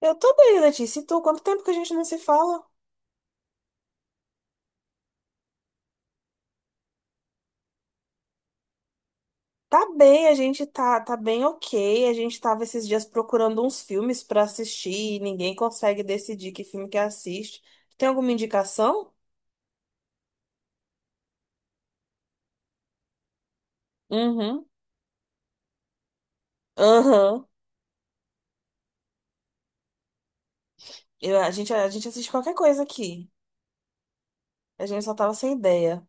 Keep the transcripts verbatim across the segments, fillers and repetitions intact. Eu tô bem, Letícia. E tu? Quanto tempo que a gente não se fala? Tá bem, a gente tá, tá bem ok. A gente tava esses dias procurando uns filmes pra assistir e ninguém consegue decidir que filme que assiste. Tem alguma indicação? Uhum. Aham. Eu- a gente, a gente assiste qualquer coisa aqui. A gente só tava sem ideia.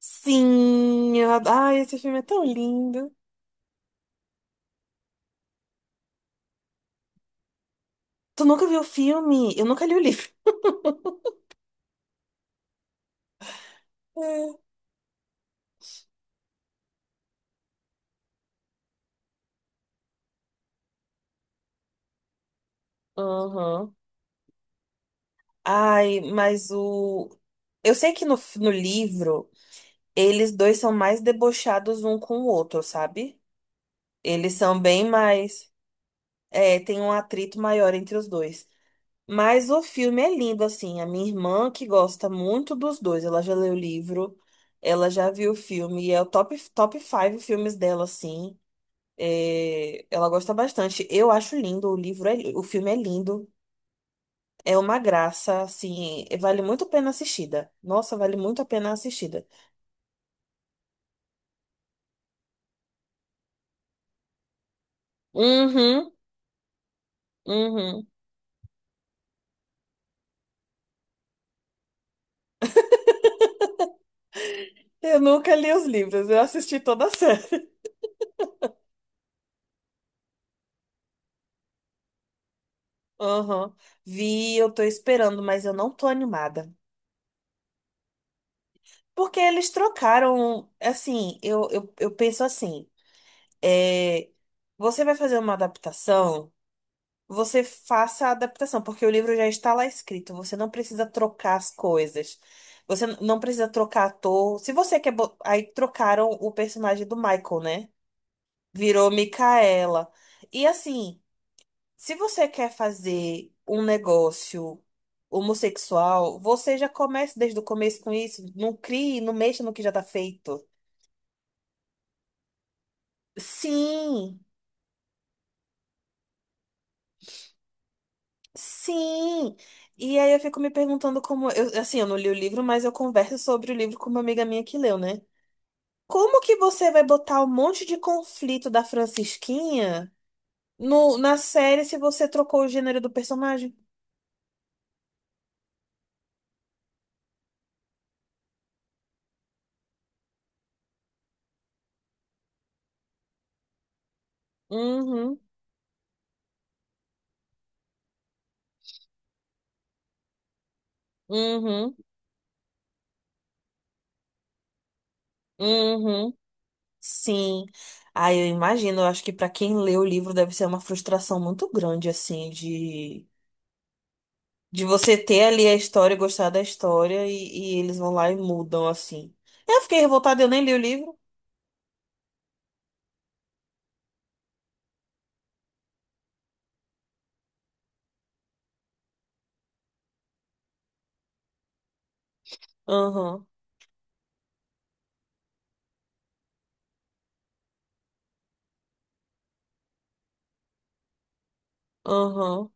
Sim, eu adoro. Ai, esse filme é tão lindo. Tu nunca viu o filme? Eu nunca li o livro. É. Aham. Ai, mas o. Eu sei que no, no livro. Eles dois são mais debochados um com o outro, sabe? Eles são bem mais. É, tem um atrito maior entre os dois. Mas o filme é lindo, assim. A minha irmã, que gosta muito dos dois, ela já leu o livro, ela já viu o filme, e é o top, top faive filmes dela, assim. É, ela gosta bastante. Eu acho lindo, o livro é, li- o filme é lindo. É uma graça, assim, vale muito a pena assistida. Nossa, vale muito a pena assistida. Uhum, uhum. Eu nunca li os livros, eu assisti toda a série. Aham. Vi, eu tô esperando, mas eu não tô animada. Porque eles trocaram, assim, eu, eu, eu penso assim, é, você vai fazer uma adaptação, você faça a adaptação, porque o livro já está lá escrito, você não precisa trocar as coisas. Você n- não precisa trocar ator. Se você quer. Bo- Aí trocaram o personagem do Michael, né? Virou Micaela. E assim. Se você quer fazer um negócio homossexual, você já comece desde o começo com isso. Não crie, não mexa no que já tá feito. Sim, sim. E aí eu fico me perguntando como. Eu, assim, eu não li o livro, mas eu converso sobre o livro com uma amiga minha que leu, né? Como que você vai botar um monte de conflito da Francisquinha no, na série se você trocou o gênero do personagem? Uhum, uhum, uhum. Sim. Ah, eu imagino, eu acho que para quem lê o livro deve ser uma frustração muito grande, assim, de, de você ter ali a história, gostar da história e, e eles vão lá e mudam, assim. Eu fiquei revoltada, eu nem li o livro. Aham, aham.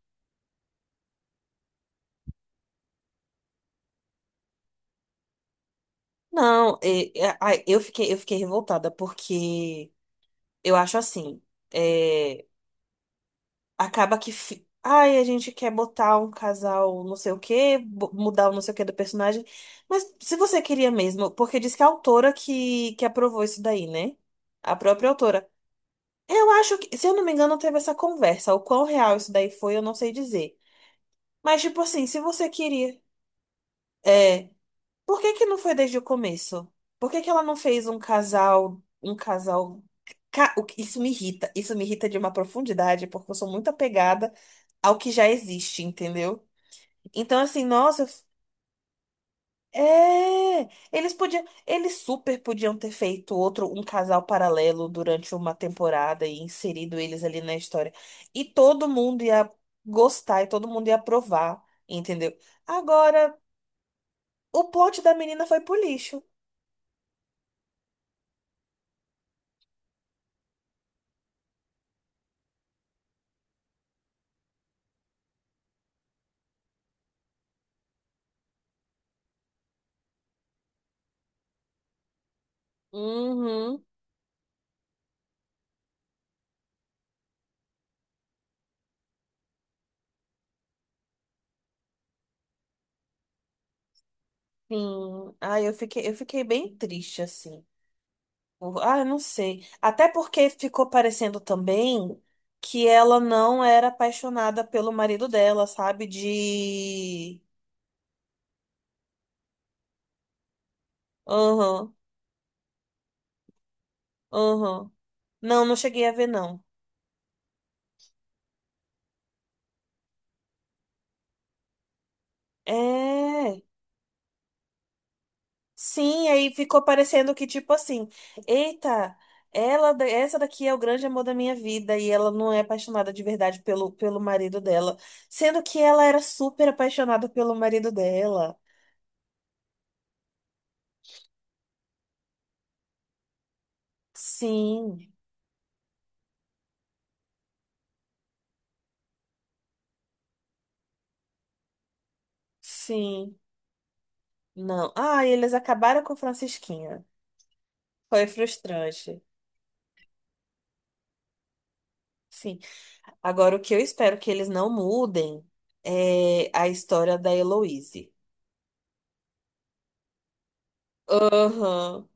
Não, e- e- ai, eu fiquei, eu fiquei revoltada porque eu acho assim. eh, acaba que. fi- Ai, a gente quer botar um casal não sei o quê, bo- mudar o não sei o quê do personagem. Mas se você queria mesmo, porque diz que a autora que, que aprovou isso daí, né? A própria autora. Eu acho que, se eu não me engano, teve essa conversa. O quão real isso daí foi, eu não sei dizer. Mas, tipo assim, se você queria. É, por que que não foi desde o começo? Por que que ela não fez um casal, um casal? ca- o que- Isso me irrita, isso me irrita de uma profundidade, porque eu sou muito apegada ao que já existe, entendeu? Então, assim, nossa, eu f- É, eles podiam, eles super podiam ter feito outro, um casal paralelo durante uma temporada e inserido eles ali na história. E todo mundo ia gostar e todo mundo ia aprovar, entendeu? Agora, o plot da menina foi pro lixo. Uhum. Sim, ai, eu fiquei, eu fiquei bem triste, assim. Por- Ah, eu não sei. Até porque ficou parecendo também que ela não era apaixonada pelo marido dela, sabe? De. Aham, aham. Não, não cheguei a ver, não. É. Sim, aí ficou parecendo que, tipo assim, eita, ela, da- essa daqui é o grande amor da minha vida e ela não é apaixonada de verdade pelo, pelo marido dela. Sendo que ela era super apaixonada pelo marido dela. Sim, sim. Não. Ah, e eles acabaram com Francisquinha. Foi frustrante. Sim. Agora, o que eu espero que eles não mudem é a história da Heloise. Aham.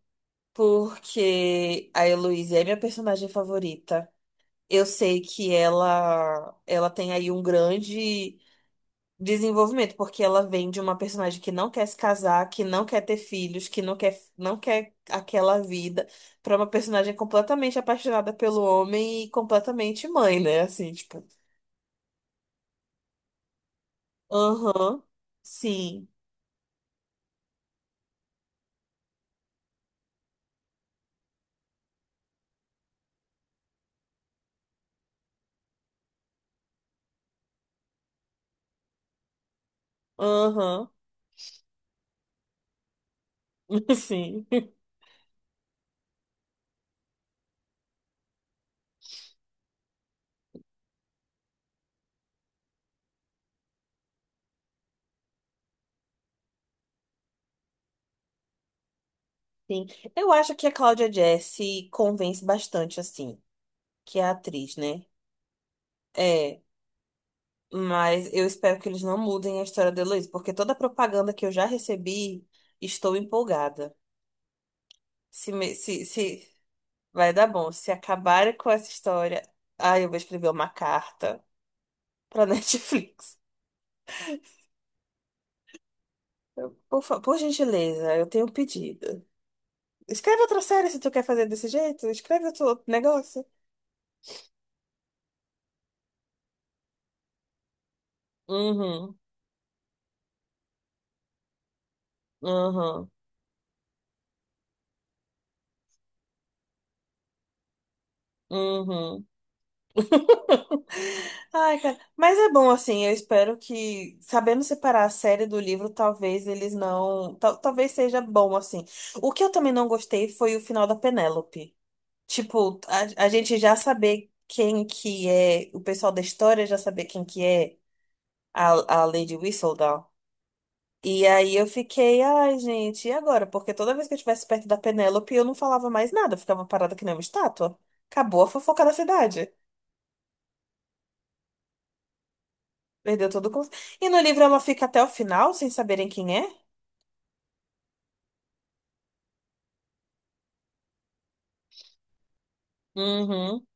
Porque a Heloise é minha personagem favorita. Eu sei que ela, ela tem aí um grande desenvolvimento, porque ela vem de uma personagem que não quer se casar, que não quer ter filhos, que não quer, não quer aquela vida, pra uma personagem completamente apaixonada pelo homem e completamente mãe, né? Assim, tipo, aham, sim, aham, sim, sim. Eu acho que a Cláudia Jesse convence bastante, assim, que é a atriz, né? É, mas eu espero que eles não mudem a história da Heloísa, porque toda a propaganda que eu já recebi, estou empolgada. Se, me- se, se, Vai dar bom. Se acabarem com essa história, ai, eu vou escrever uma carta pra Netflix. Por, fa- por gentileza, eu tenho um pedido. Escreve outra série se tu quer fazer desse jeito. Escreve outro outro negócio. Uhum, uhum, uhum. Ai, cara. Mas é bom, assim, eu espero que, sabendo separar a série do livro, talvez eles não. tal- talvez seja bom, assim. O que eu também não gostei foi o final da Penélope. Tipo, a, a gente já saber quem que é, o pessoal da história já saber quem que é a, a Lady Whistledown. E aí eu fiquei, ai, gente, e agora? Porque toda vez que eu estivesse perto da Penélope, eu não falava mais nada, eu ficava parada que nem uma estátua. Acabou a fofoca da cidade. Perdeu todo o... con- E no livro ela fica até o final sem saberem quem é? Uhum,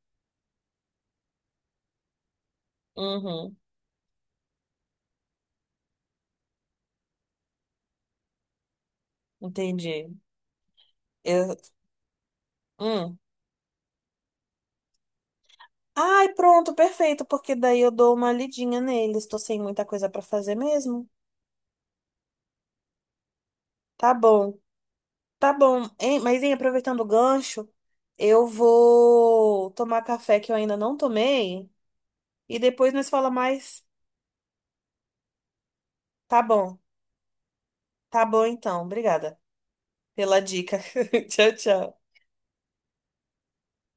uhum, entendi. Eu... Hum. Ai, pronto, perfeito, porque daí eu dou uma lidinha neles. Tô sem muita coisa pra fazer mesmo. Tá bom. Tá bom, hein? Mas, hein, aproveitando o gancho, eu vou tomar café que eu ainda não tomei e depois nós fala mais. Tá bom. Tá bom, então. Obrigada pela dica. Tchau, tchau.